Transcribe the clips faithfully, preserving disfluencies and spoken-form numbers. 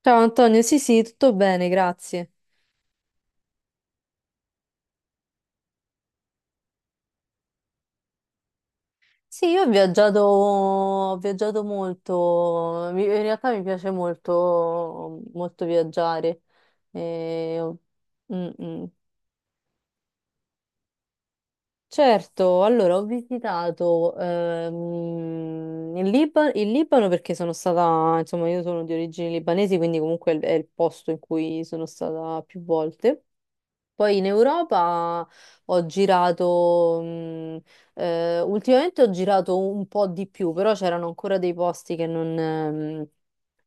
Ciao Antonio, sì sì, tutto bene, grazie. Sì, io ho viaggiato, ho viaggiato molto. Mi- in realtà mi piace molto, molto viaggiare. Eh, ho- mm, mm. Certo, allora ho visitato ehm, il Liba- il Libano, perché sono stata, insomma, io sono di origini libanesi, quindi comunque è il è il posto in cui sono stata più volte. Poi in Europa ho girato, mh, eh, ultimamente ho girato un po' di più, però c'erano ancora dei posti che non, ehm,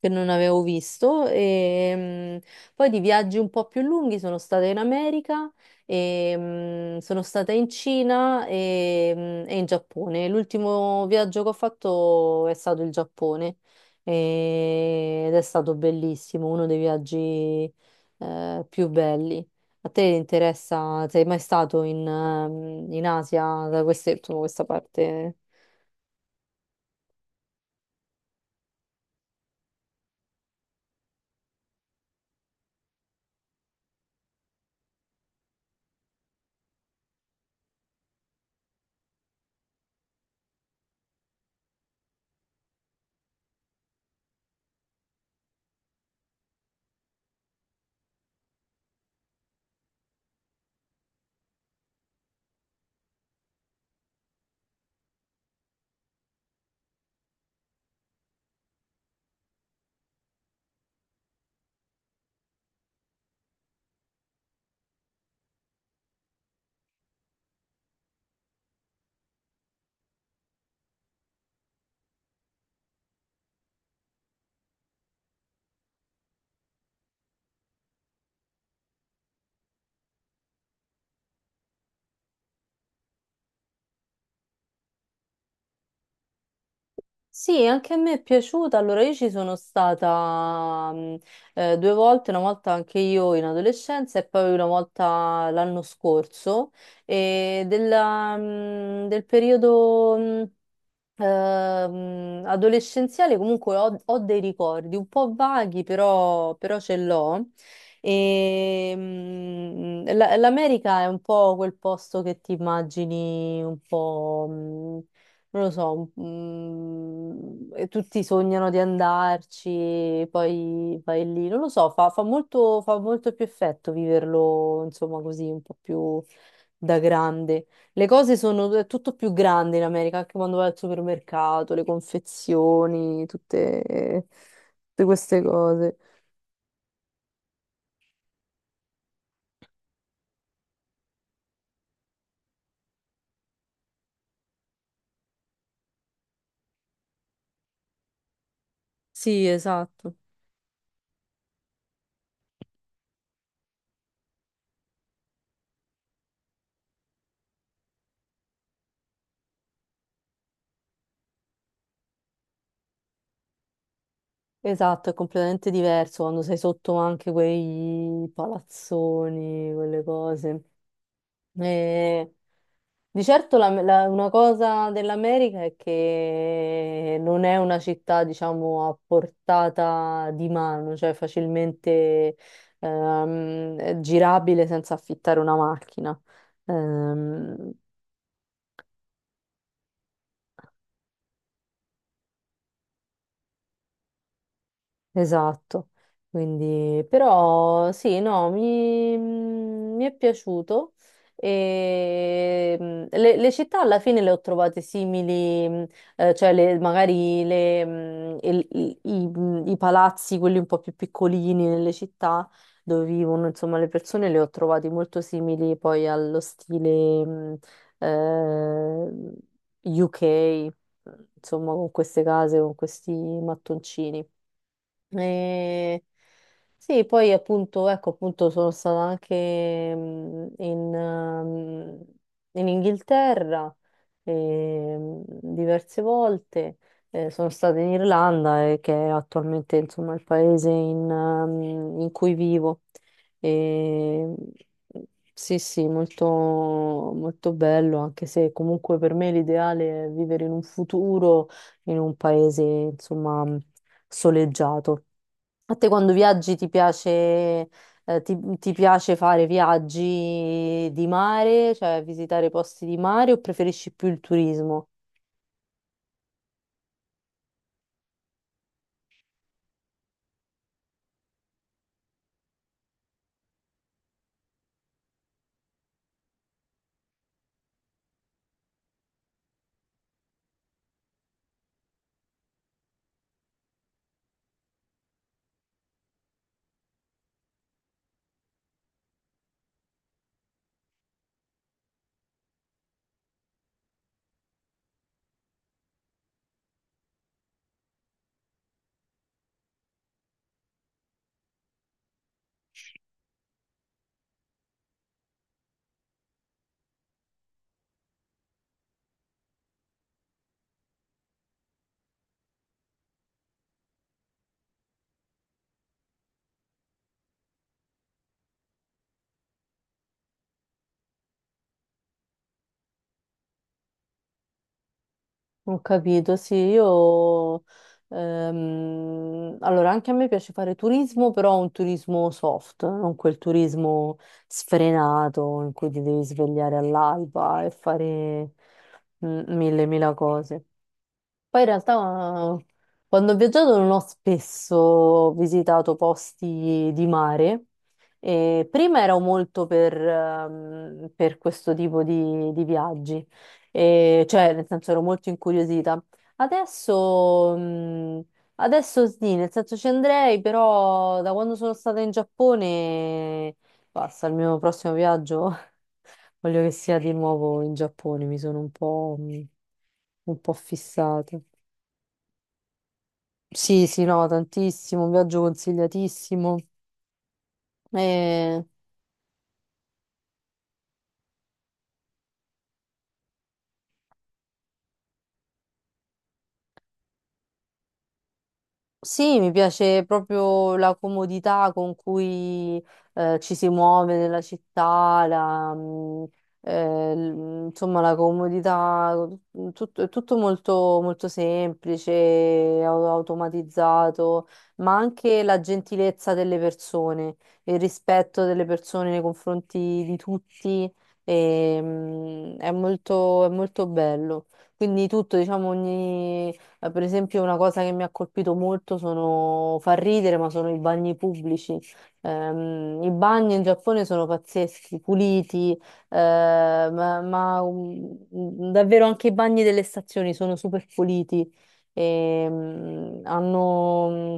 che non avevo visto. E, mh, poi di viaggi un po' più lunghi sono stata in America, e, mh, sono stata in Cina e, mh, e in Giappone. L'ultimo viaggio che ho fatto è stato il Giappone e- ed è stato bellissimo, uno dei viaggi eh, più belli. A te interessa, sei mai stato in, ehm, in Asia, da queste- insomma, questa parte? Sì, anche a me è piaciuta. Allora, io ci sono stata mm, eh, due volte, una volta anche io in adolescenza e poi una volta l'anno scorso. E della, mm, del periodo. Mm, Ehm, adolescenziale comunque ho, ho dei ricordi un po' vaghi, però, però ce l'ho. E, mm, la- L'America è un po' quel posto che ti immagini un po', mm, non lo so, mm, e tutti sognano di andarci, poi vai lì, non lo so, fa, fa molto, fa molto più effetto viverlo, insomma, così un po' più da grande. Le cose sono è tutto più grande in America, anche quando vai al supermercato, le confezioni, tutte, tutte queste cose. Sì, esatto. Esatto, è completamente diverso quando sei sotto anche quei palazzoni, quelle cose. Eh, di certo la- la- una cosa dell'America è che non è una città, diciamo, a portata di mano, cioè facilmente ehm, girabile senza affittare una macchina. Ehm, Esatto, quindi però sì, no, mi, mi è piaciuto e mm, le, le città alla fine le ho trovate simili, mm, eh, cioè le- magari le, mm, il- i, i- mm, i palazzi, quelli un po' più piccolini nelle città dove vivono, insomma, le persone le ho trovati molto simili poi allo stile mm, eh, U K, insomma, con queste case, con questi mattoncini. E sì, poi appunto, ecco, appunto sono stata anche mm, in, ehm, in Inghilterra ehm, diverse volte, eh, sono stata in Irlanda, eh, che è attualmente insomma il paese in, ehm, in cui vivo. E, sì, sì, molto, molto bello, anche se comunque per me l'ideale è vivere in un futuro in un paese insomma soleggiato. A te quando viaggi ti piace, eh, ti, ti piace fare viaggi di mare, cioè visitare posti di mare o preferisci più il turismo? Ho capito, sì, io... ehm, allora, anche a me piace fare turismo, però un turismo soft, non quel turismo sfrenato in cui ti devi svegliare all'alba e fare mm, mille, mille cose. Poi in realtà quando ho viaggiato non ho spesso visitato posti di mare. E prima ero molto per, ehm, per questo tipo di, di viaggi. E cioè nel senso ero molto incuriosita. Adesso, mh, adesso sì, nel senso ci andrei, però da quando sono stata in Giappone, basta, il mio prossimo viaggio voglio che sia di nuovo in Giappone, mi sono un po', mh, un po' fissata. Sì, sì, no, tantissimo, un viaggio consigliatissimo. E- Sì, mi piace proprio la comodità con cui eh, ci si muove nella città, la, mm, eh, l- insomma la comodità, mm, tutto, è tutto molto, molto semplice, au- automatizzato, ma anche la gentilezza delle persone, il rispetto delle persone nei confronti di tutti, e, mm, è molto, è molto bello. Quindi tutto, diciamo, ogni eh, per esempio, una cosa che mi ha colpito molto sono, fa ridere, ma sono i bagni pubblici. Ehm, i bagni in Giappone sono pazzeschi, puliti, eh, ma, ma, mm, davvero anche i bagni delle stazioni sono super puliti. E, mm, hanno, mm,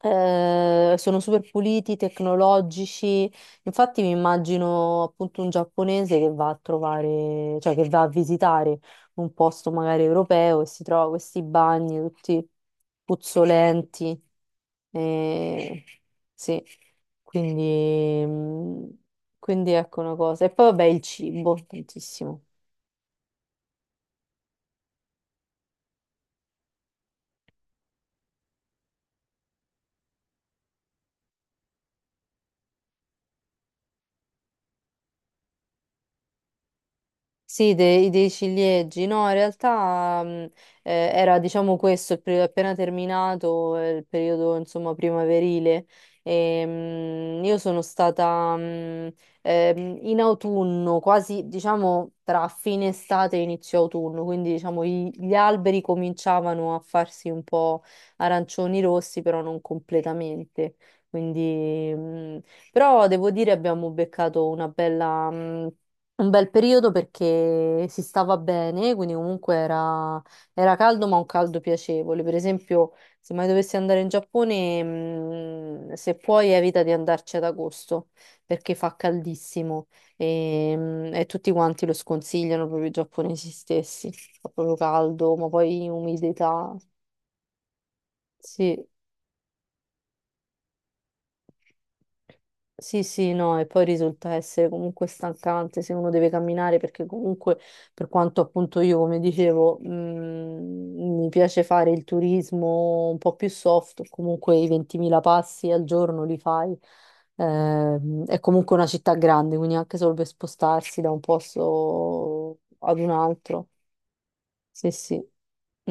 eh, sono super puliti, tecnologici. Infatti, mi immagino appunto un giapponese che va a trovare, cioè che va a visitare un posto magari europeo e si trova questi bagni tutti puzzolenti. Eh, sì, quindi, mm, quindi ecco una cosa. E poi vabbè il cibo, tantissimo. Sì, dei, dei ciliegi, no, in realtà mh, eh, era diciamo questo, il periodo appena terminato, eh, il periodo insomma primaverile. E, mh, io sono stata mh, ehm, in autunno, quasi diciamo tra fine estate e inizio autunno, quindi diciamo i- gli alberi cominciavano a farsi un po' arancioni rossi, però non completamente. Quindi, mh, però devo dire abbiamo beccato una bella... mh, un bel periodo perché si stava bene, quindi comunque era, era caldo, ma un caldo piacevole. Per esempio, se mai dovessi andare in Giappone, mm, se puoi evita di andarci ad agosto perché fa caldissimo e, mm, e tutti quanti lo sconsigliano proprio i giapponesi stessi. Fa proprio caldo, ma poi umidità. Sì. Sì, sì, no, e poi risulta essere comunque stancante se uno deve camminare perché comunque per quanto appunto io, come dicevo, mm, mi piace fare il turismo un po' più soft, comunque i ventimila passi al giorno li fai. Ehm, è comunque una città grande, quindi anche solo per spostarsi da un posto ad un altro. Sì, sì.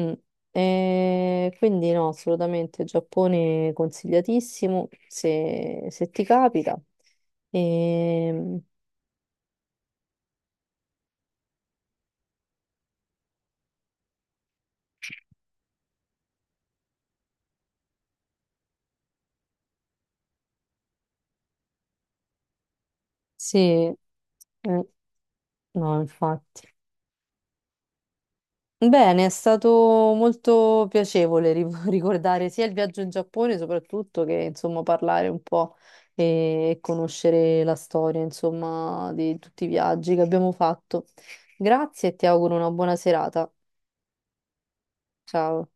Mm. E quindi no, assolutamente Giappone consigliatissimo se, se ti capita. E, sì, eh, no, infatti. Bene, è stato molto piacevole ri- ricordare sia il viaggio in Giappone, soprattutto che insomma parlare un po' e, e conoscere la storia, insomma, di tutti i viaggi che abbiamo fatto. Grazie e ti auguro una buona serata. Ciao.